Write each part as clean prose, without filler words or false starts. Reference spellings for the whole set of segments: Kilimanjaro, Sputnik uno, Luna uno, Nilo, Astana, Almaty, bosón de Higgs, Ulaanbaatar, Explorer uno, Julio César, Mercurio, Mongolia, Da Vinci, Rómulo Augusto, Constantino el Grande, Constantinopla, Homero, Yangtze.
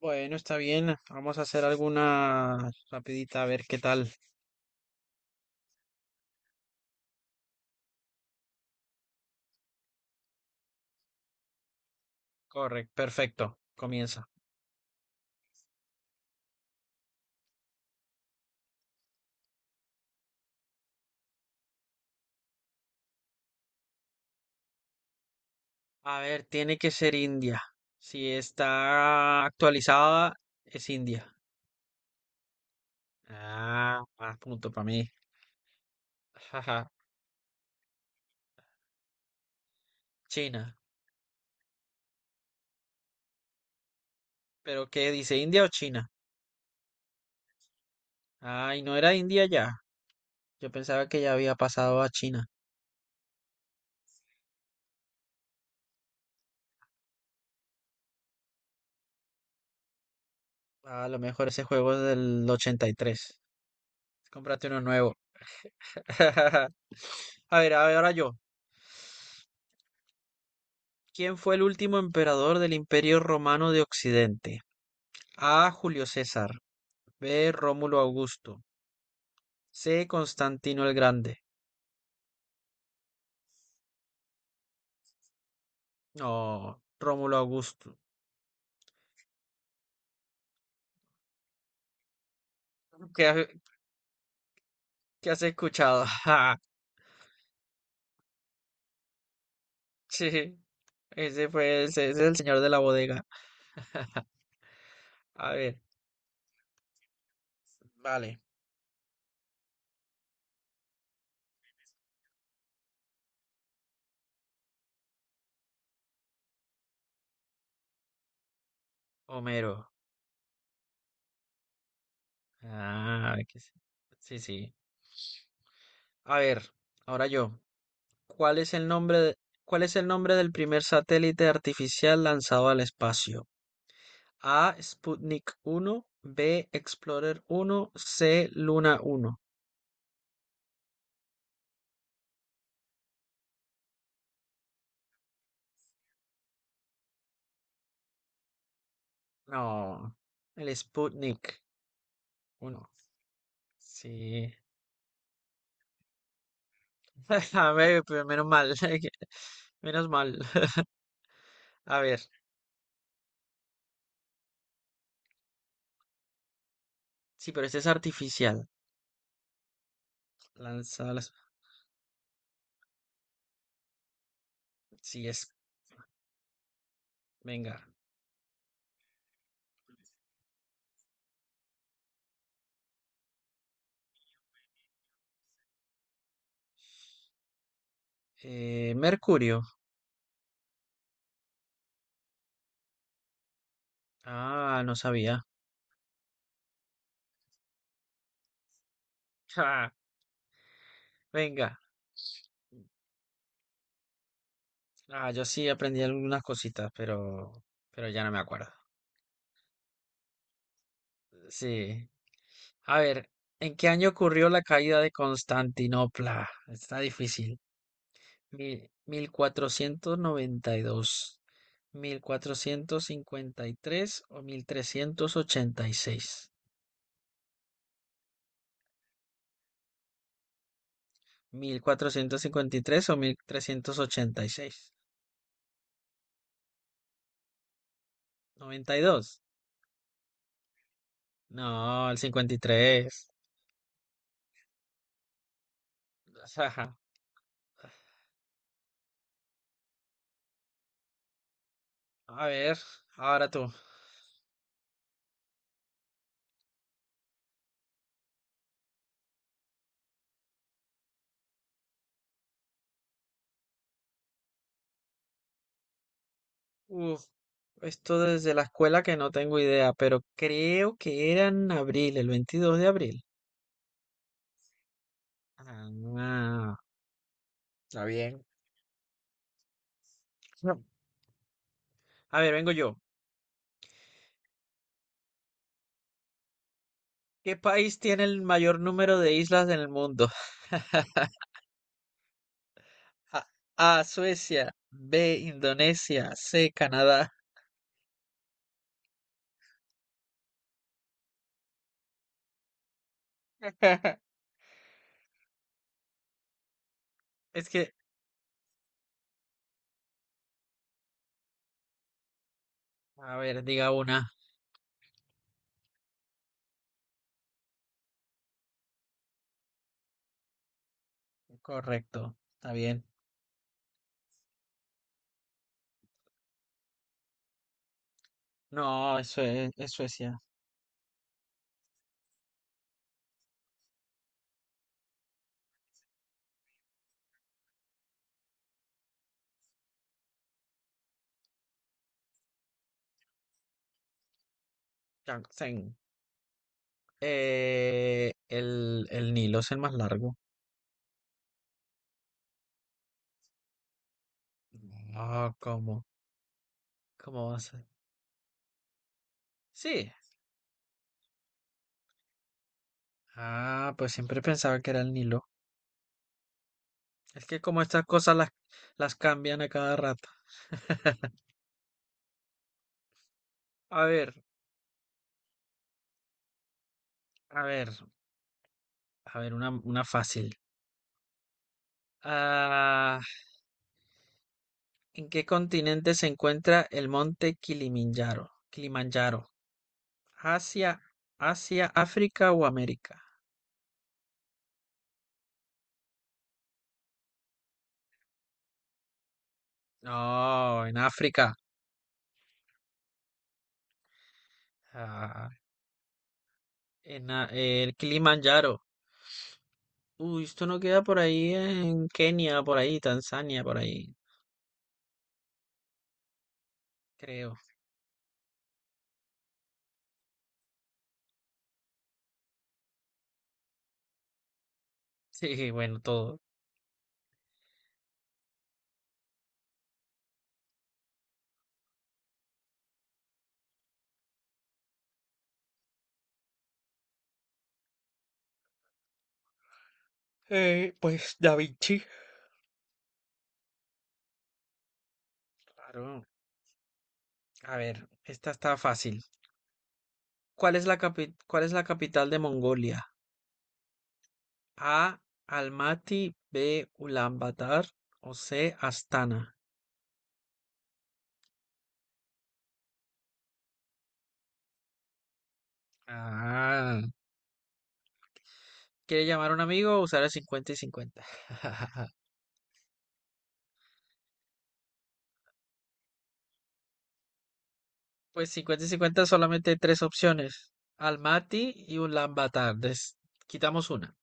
Bueno, está bien. Vamos a hacer alguna rapidita a ver qué tal. Correcto, perfecto. Comienza. A ver, tiene que ser India. Si está actualizada, es India. Ah, más punto para mí. Jaja. China. ¿Pero qué dice, India o China? Ay, no era India ya. Yo pensaba que ya había pasado a China. A lo mejor ese juego es del 83. Cómprate uno nuevo. A ver, ahora yo. ¿Quién fue el último emperador del Imperio Romano de Occidente? A, Julio César. B, Rómulo Augusto. C, Constantino el Grande. No, Rómulo Augusto. ¿Qué, qué has escuchado? Ja, sí, ese es el señor de la bodega. A ver, vale. Homero. Ah, que sí, sí, sí. A ver, ahora yo. ¿Cuál es el nombre cuál es el nombre del primer satélite artificial lanzado al espacio? A, Sputnik uno, B, Explorer uno, C, Luna uno. No, el Sputnik uno. Sí. A ver, pero menos mal. Menos mal. A ver. Sí, pero este es artificial. Lanza las. Sí, es. Venga. Mercurio. Ah, no sabía. Ja, venga. Ah, yo sí aprendí algunas cositas, pero. Pero ya no me acuerdo. Sí. A ver, ¿en qué año ocurrió la caída de Constantinopla? Está difícil. 1492, 1453 o mil trescientos ochenta y seis. 1453 o 1386. 92. No, el 53. Ajá. A ver, ahora tú. Uf, esto desde la escuela que no tengo idea, pero creo que era en abril, el 22 de abril. Ah, está bien. No. A ver, vengo yo. ¿Qué país tiene el mayor número de islas en el mundo? A, Suecia, B, Indonesia, C, Canadá. Es que, a ver, diga una. Correcto, está bien. No, eso es Suecia. Yangtze. El Nilo es el más largo. No, ¿cómo? ¿Cómo va a ser? Sí. Ah, pues siempre pensaba que era el Nilo. Es que como estas cosas las cambian a cada rato. A ver, a ver, a ver, una fácil. Ah, ¿en qué continente se encuentra el monte Kilimanjaro? Kilimanjaro. ¿Asia, Asia, África o América? No, en África. Ah, en el Kilimanjaro. Uy, esto no queda por ahí en Kenia, por ahí, Tanzania, por ahí, creo. Sí, bueno, todo. Pues Da Vinci. Claro. A ver, esta está fácil. ¿Cuál es cuál es la capital de Mongolia? A, Almaty, B, Ulaanbaatar o C, Astana. Ah, ¿quiere llamar a un amigo o usar el 50 y 50? Pues 50 y 50 solamente hay tres opciones. Almaty y Ulaanbaatar. Quitamos una.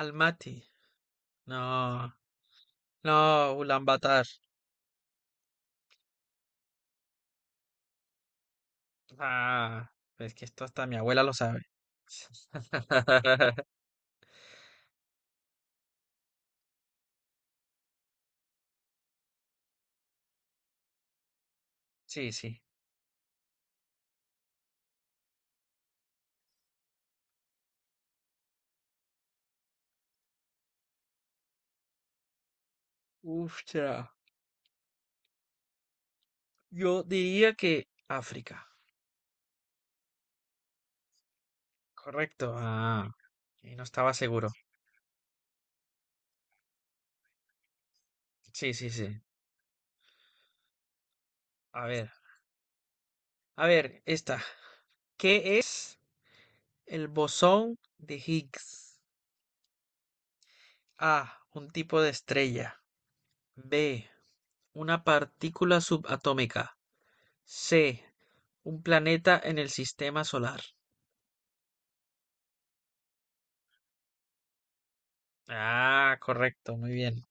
Almaty. No, no, Ulaanbaatar. Ah, es que esto hasta mi abuela lo sabe. Sí, sí. Uf, ya. Yo diría que África. Correcto. Ah, y no estaba seguro. Sí, sí, sí. A ver, a ver, esta. ¿Qué es el bosón de Higgs? A, un tipo de estrella. B, una partícula subatómica. C, un planeta en el sistema solar. Ah, correcto, muy bien.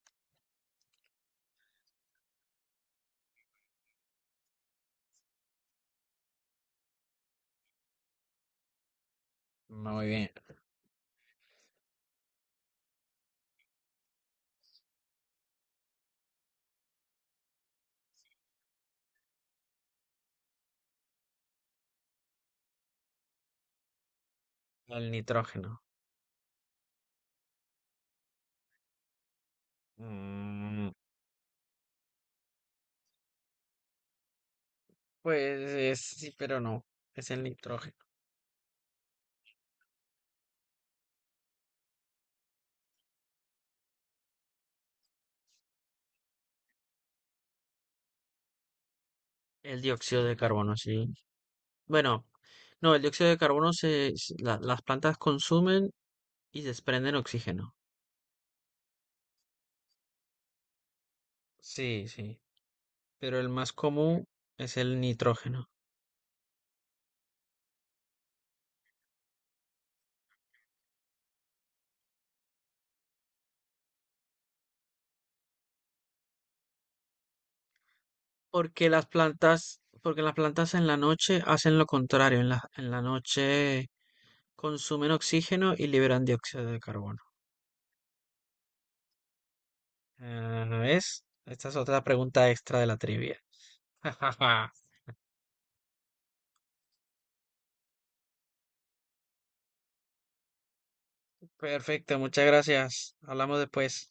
Muy bien. El nitrógeno. Mm, pues sí, pero no. Es el nitrógeno. El dióxido de carbono, sí. Bueno, no, el dióxido de carbono las plantas consumen y desprenden oxígeno. Sí, sí, pero el más común es el nitrógeno. Porque las plantas en la noche hacen lo contrario, en la noche consumen oxígeno y liberan dióxido de carbono. Ah, ¿ves? Esta es otra pregunta extra de la trivia. Perfecto, muchas gracias. Hablamos después.